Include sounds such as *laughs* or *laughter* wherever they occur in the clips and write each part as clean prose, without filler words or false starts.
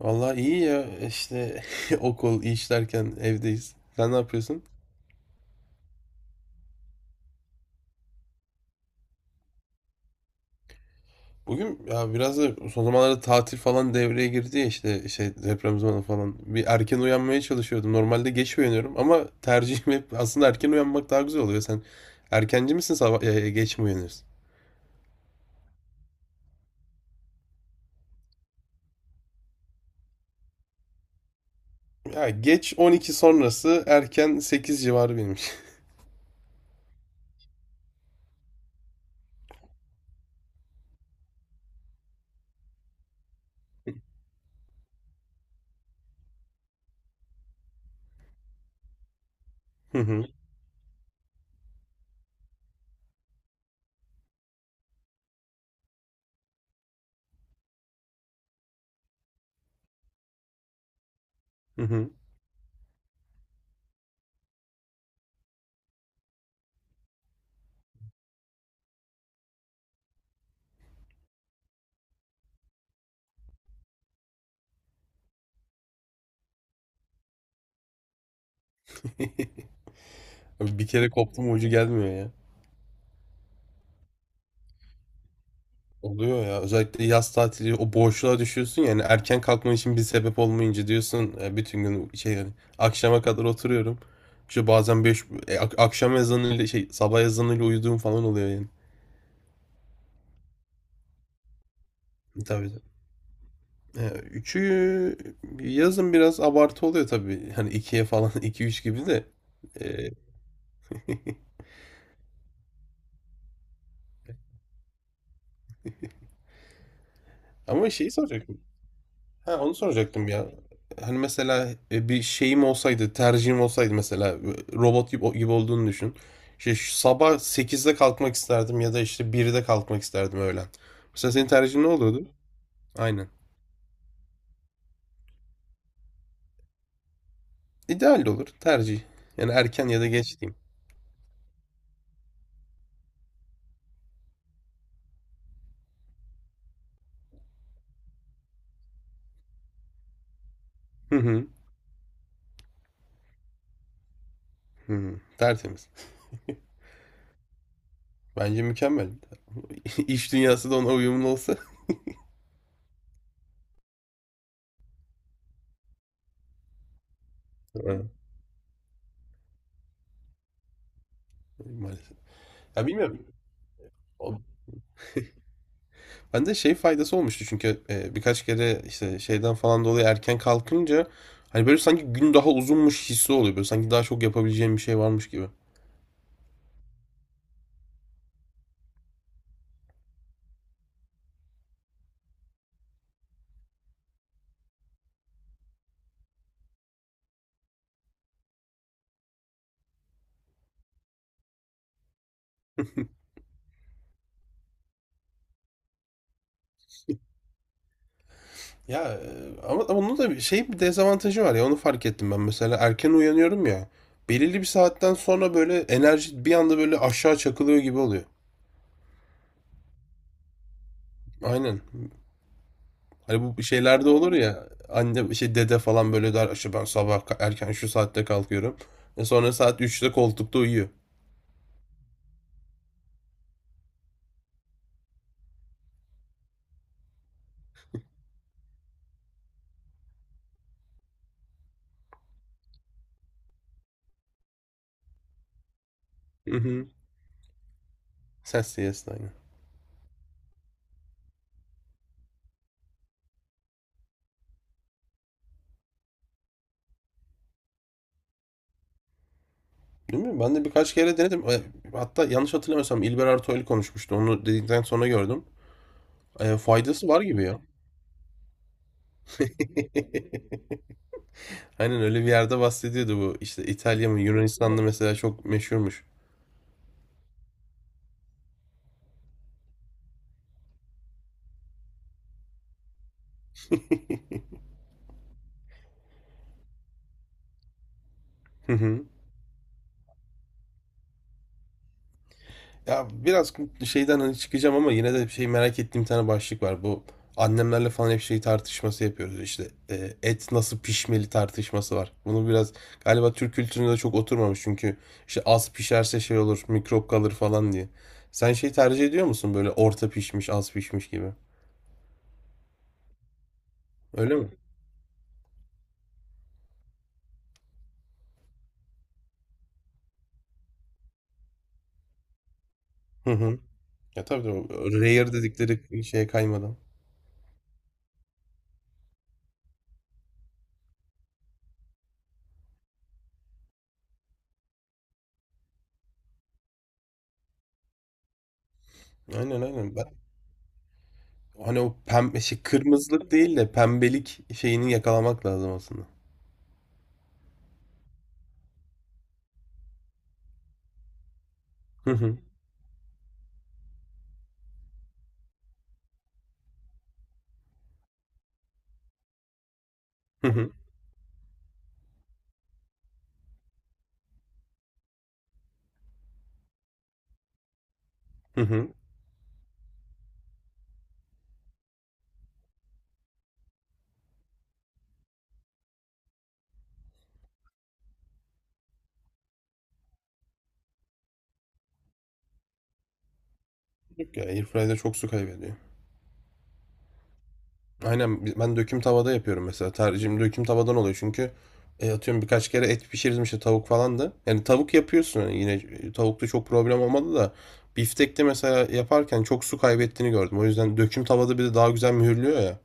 Vallahi iyi ya işte. *laughs* Okul, iş derken evdeyiz. Sen ne yapıyorsun? Bugün ya biraz da son zamanlarda tatil falan devreye girdi ya işte şey deprem zamanı falan. Bir erken uyanmaya çalışıyordum. Normalde geç uyanıyorum ama tercihim hep aslında erken uyanmak daha güzel oluyor. Sen erkenci misin sabah geç mi uyanıyorsun? Ya geç 12 sonrası erken 8 civarı benim için. *laughs* Hı hı, hı hı. *laughs* Bir kere koptum, ucu gelmiyor. Oluyor ya. Özellikle yaz tatili o boşluğa düşüyorsun yani erken kalkman için bir sebep olmayınca diyorsun bütün gün şey yani akşama kadar oturuyorum. İşte bazen 5 akşam ezanıyla şey sabah ezanıyla uyuduğum falan oluyor yani. Tabii. Üçü yazın biraz abartı oluyor tabii. Hani ikiye falan, *laughs* iki üç gibi de. E, *laughs* ama şeyi soracak. Ha, onu soracaktım ya. Hani mesela bir şeyim olsaydı, tercihim olsaydı mesela robot gibi olduğunu düşün. İşte şu sabah 8'de kalkmak isterdim ya da işte 1'de kalkmak isterdim öğlen. Mesela senin tercihin ne olurdu? Aynen. İdeal de olur tercih. Yani erken ya da geç diyeyim. Hı hı. Hı hı, tertemiz. Bence mükemmel. *laughs* İş dünyası da ona uyumlu olsa. *laughs* Evet. Maalesef. Ya bilmiyorum. Bende şey faydası olmuştu çünkü birkaç kere işte şeyden falan dolayı erken kalkınca hani böyle sanki gün daha uzunmuş hissi oluyor. Böyle sanki daha çok yapabileceğim bir şey varmış gibi. *laughs* Ya ama onun da şey bir dezavantajı var ya, onu fark ettim ben. Mesela erken uyanıyorum ya. Belirli bir saatten sonra böyle enerji bir anda böyle aşağı çakılıyor gibi oluyor. Aynen. Hani bu şeylerde olur ya, anne şey dede falan böyle der işte ben sabah erken şu saatte kalkıyorum. Sonra saat 3'te koltukta uyuyor. *laughs* Ses CS'de aynı. Değil mi? Ben de birkaç kere denedim. Hatta yanlış hatırlamıyorsam İlber Ortaylı konuşmuştu. Onu dedikten sonra gördüm. Faydası var gibi ya. *laughs* Aynen, öyle bir yerde bahsediyordu bu. İşte İtalya mı Yunanistan'da mesela çok meşhurmuş. *laughs* Ya biraz şeyden hani çıkacağım ama yine de şey merak ettiğim bir tane başlık var. Bu annemlerle falan hep şey tartışması yapıyoruz işte. Et nasıl pişmeli tartışması var. Bunu biraz galiba Türk kültürüne de çok oturmamış çünkü işte az pişerse şey olur, mikrop kalır falan diye. Sen şey tercih ediyor musun böyle orta pişmiş, az pişmiş gibi? Öyle mi? Hı hı. Ya tabii o, rare dedikleri şeye kaymadan. Aynen aynen. Ben, hani o pembe şey, kırmızılık değil de pembelik şeyini yakalamak lazım aslında. Hı hı. Hı hı. Hı hı. Ya airfryer'da çok su kaybediyor. Aynen, ben döküm tavada yapıyorum mesela. Tercihim döküm tavadan oluyor çünkü atıyorum birkaç kere et pişirdim işte, tavuk falan da. Yani tavuk yapıyorsun hani, yine tavukta çok problem olmadı da biftekte mesela yaparken çok su kaybettiğini gördüm. O yüzden döküm tavada bir de daha güzel mühürlüyor ya.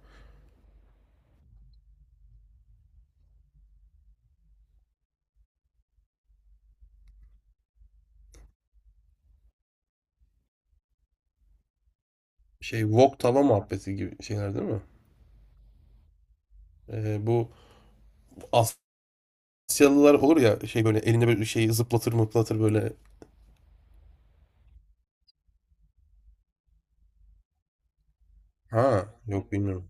Şey, wok tava muhabbeti gibi şeyler değil mi? Bu Asyalılar olur ya, şey böyle elinde böyle şeyi zıplatır mıplatır böyle. Ha yok, bilmiyorum.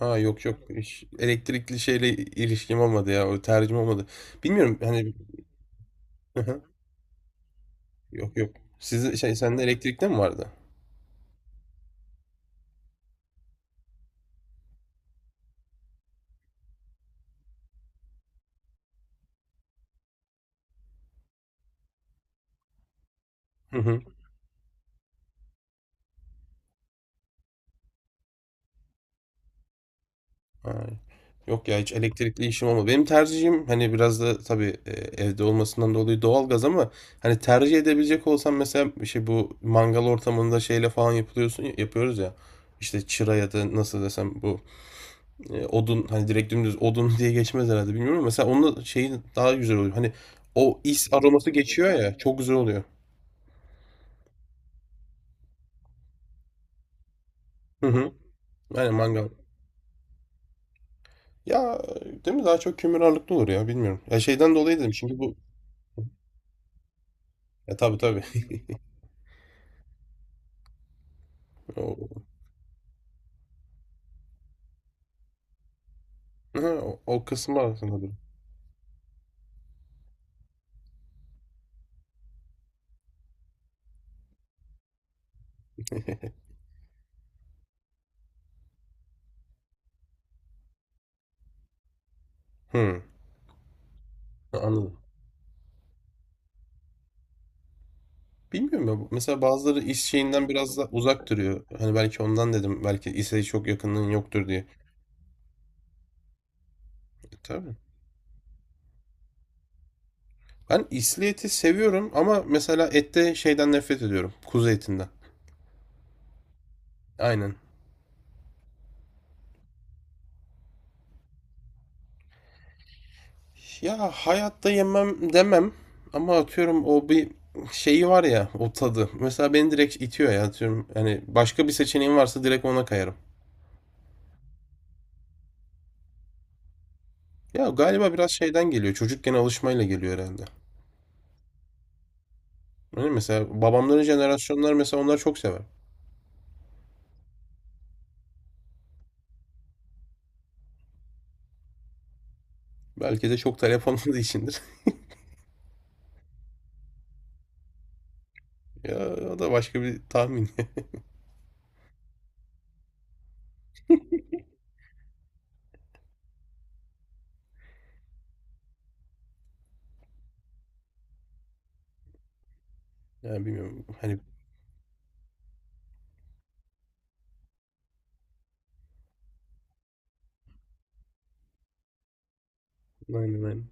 Aa, yok yok. Hiç elektrikli şeyle ilişkim olmadı ya. O tercih olmadı. Bilmiyorum hani. Hı hı. Yok yok. Sizin şey, sende elektrikte mi vardı? Hı hı. Ha. Yok ya, hiç elektrikli işim olmadı. Benim tercihim hani biraz da tabii evde olmasından dolayı doğalgaz, ama hani tercih edebilecek olsam mesela şey, bu mangal ortamında şeyle falan yapılıyorsun yapıyoruz ya. İşte çıra ya da nasıl desem bu odun hani, direkt dümdüz odun *laughs* diye geçmez herhalde bilmiyorum ama mesela onun şeyi daha güzel oluyor. Hani o is aroması geçiyor ya, çok güzel oluyor. Hı hı. Yani mangal. Ya değil mi, daha çok kömür ağırlıklı olur ya, bilmiyorum. Ya şeyden dolayı dedim çünkü bu, ya tabii tabii. *laughs* O, ha, o kısmı aslında bir. *laughs* Hı, anladım. Bilmiyorum ya. Mesela bazıları is şeyinden biraz da uzak duruyor. Hani belki ondan dedim. Belki ise çok yakınlığın yoktur diye. Tabii. Ben isli eti seviyorum ama mesela ette şeyden nefret ediyorum. Kuzu etinden. Aynen. Ya hayatta yemem demem ama atıyorum o bir şeyi var ya, o tadı. Mesela beni direkt itiyor ya, atıyorum. Hani başka bir seçeneğim varsa direkt ona kayarım. Ya galiba biraz şeyden geliyor. Çocukken alışmayla geliyor herhalde. Hani mesela babamların jenerasyonlar, mesela onlar çok sever. Belki de çok talep olmadığı içindir. *laughs* Ya o da başka bir tahmin. *laughs* Ya bilmiyorum. Hani aynen aynen.